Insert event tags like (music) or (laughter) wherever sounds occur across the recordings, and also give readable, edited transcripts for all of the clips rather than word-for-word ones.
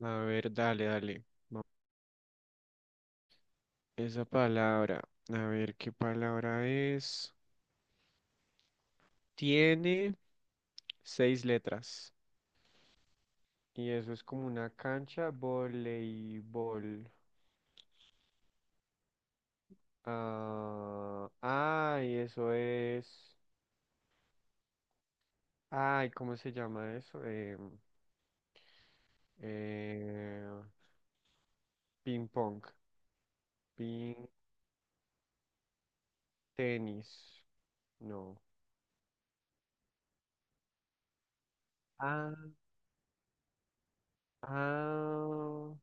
A ver, dale, dale. Esa palabra. A ver, ¿qué palabra es? Tiene seis letras. Y eso es como una cancha voleibol. Ah, ay, eso es. Ay, ¿cómo se llama eso? Eh, ping pong. Ping tenis. No. Ah, ah,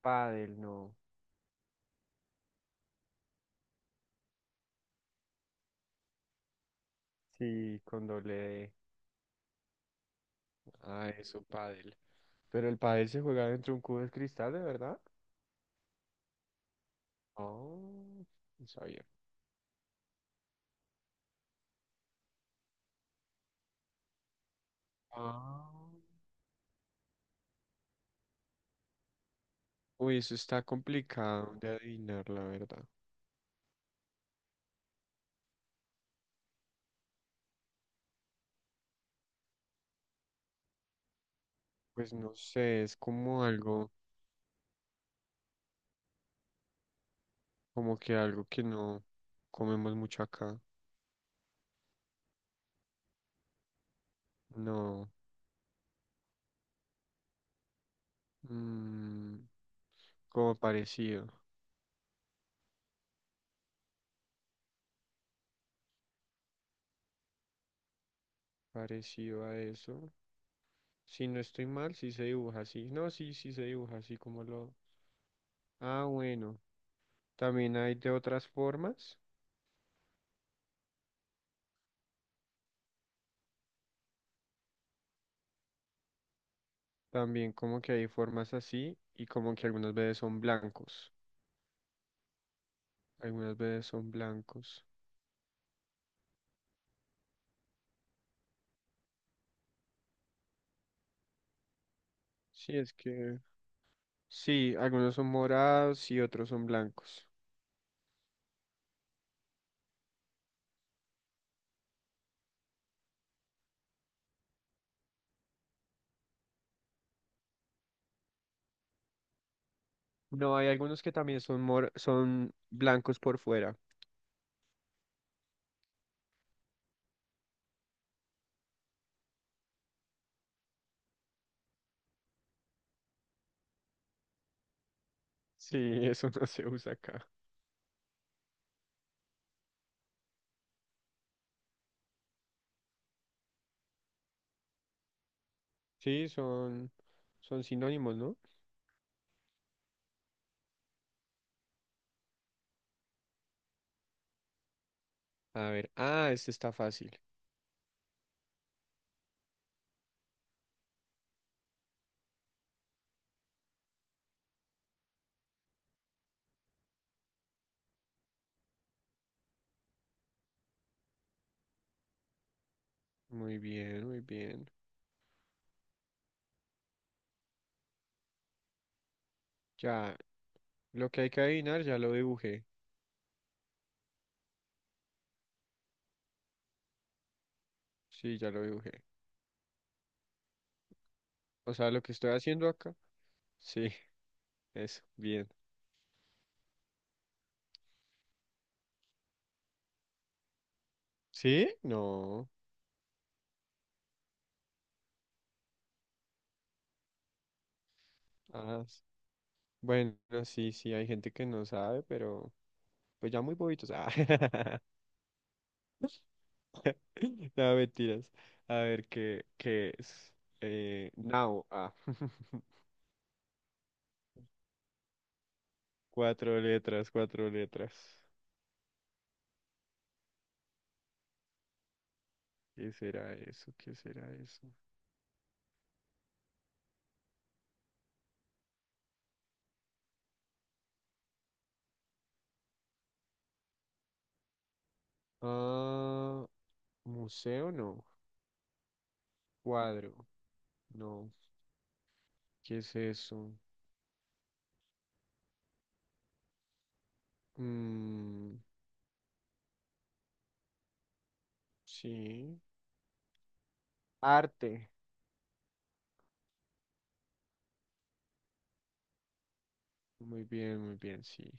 pádel, no. Sí, con doble D. Ah, eso, pádel. Pero el pádel se juega dentro de un cubo de cristal, ¿de verdad? Oh, no sabía. Ah. Uy, eso está complicado de adivinar, la verdad. Pues no sé, es como algo, como que algo que no comemos mucho acá. No, mm, como parecido, parecido a eso. Si no estoy mal, sí se dibuja así. No, sí, sí se dibuja así como lo... Ah, bueno, también hay de otras formas. También como que hay formas así y como que algunas veces son blancos. Algunas veces son blancos. Sí, es que... Sí, algunos son morados y otros son blancos. No, hay algunos que también son mor son blancos por fuera. Sí, eso (laughs) no se usa acá. Sí, son sinónimos, ¿no? A ver, ah, este está fácil. Muy bien, muy bien. Ya, lo que hay que adivinar ya lo dibujé. Sí, ya lo dibujé. O sea, lo que estoy haciendo acá. Sí, (laughs) eso, bien. ¿Sí? No. Ah, s- bueno, sí, sí, hay gente que no sabe, pero pues ya muy bobitos. Ah, (laughs) no, mentiras. A ver, ¿qué es? Now. Ah, (laughs) cuatro letras, cuatro letras. ¿Qué será eso? ¿Qué será eso? Ah, museo no. Cuadro. No. ¿Qué es eso? Mm, sí. Arte. Muy bien, sí.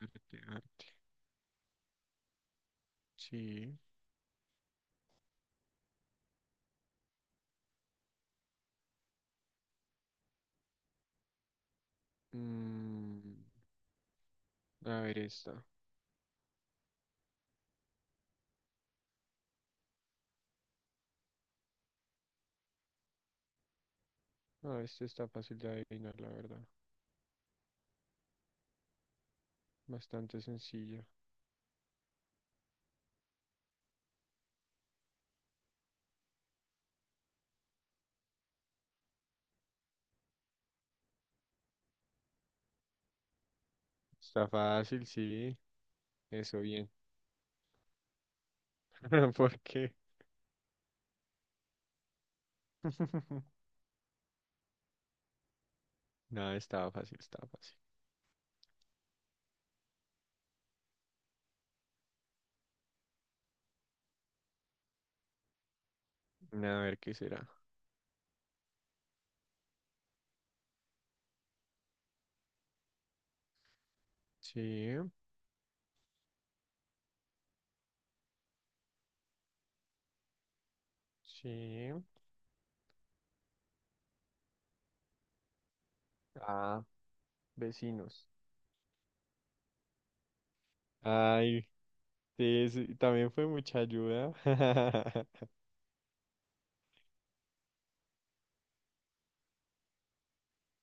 Arte, arte. Sí. Mm, a ver esta. Ah, esta está fácil de adivinar, la verdad. Bastante sencilla. Está fácil, sí. Eso bien. (laughs) ¿Por qué? (laughs) No, estaba fácil, estaba fácil. A ver qué será. Sí, sí. Ah, vecinos. Ay, sí, sí, también fue mucha ayuda. (laughs)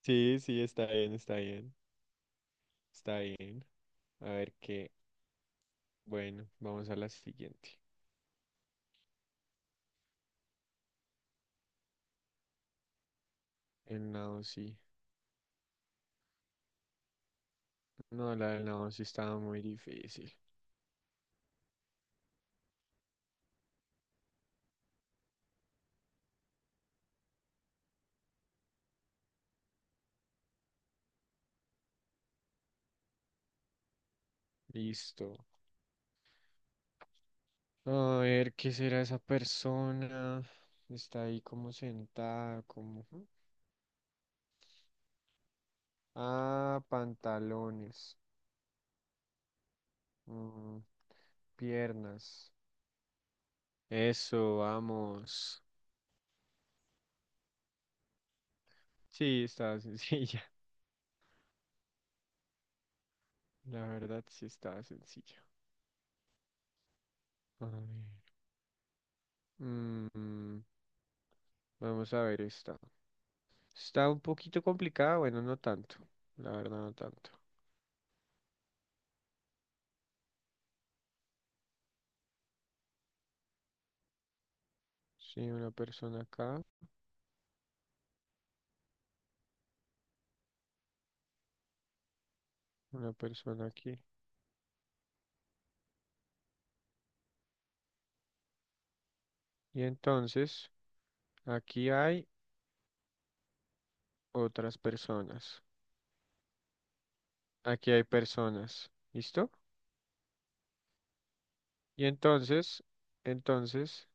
Sí, sí, está bien, está bien, está bien. A ver qué. Bueno, vamos a la siguiente. El nado sí. No, la del no, sí estaba muy difícil. Listo. A ver, ¿qué será esa persona? Está ahí como sentada, como... ¿hmm? Ah, pantalones. Mm, piernas. Eso, vamos. Sí, estaba sencilla. (laughs) La verdad, sí estaba sencilla. A ver. Mm, vamos a ver esta. Está un poquito complicada, bueno, no tanto. La verdad, no tanto. Sí, una persona acá, una persona aquí. Y entonces, aquí hay otras personas. Aquí hay personas. ¿Listo? Y entonces, entonces,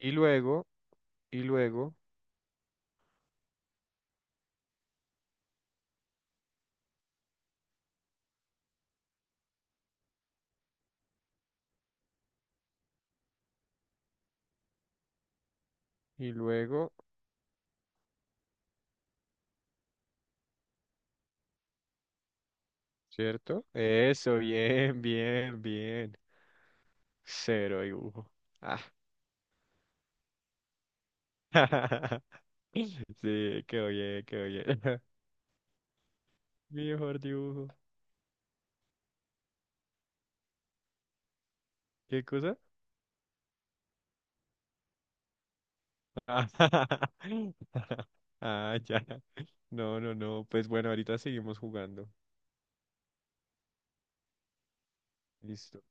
y luego, y luego, y luego, ¿Cierto? Eso, bien, bien, bien. Cero dibujo. Ah. (laughs) Sí, quedó bien, quedó bien. (laughs) Mejor dibujo. ¿Qué cosa? Ah, (laughs) ah, ya. No, no, no. Pues bueno, ahorita seguimos jugando. Listo.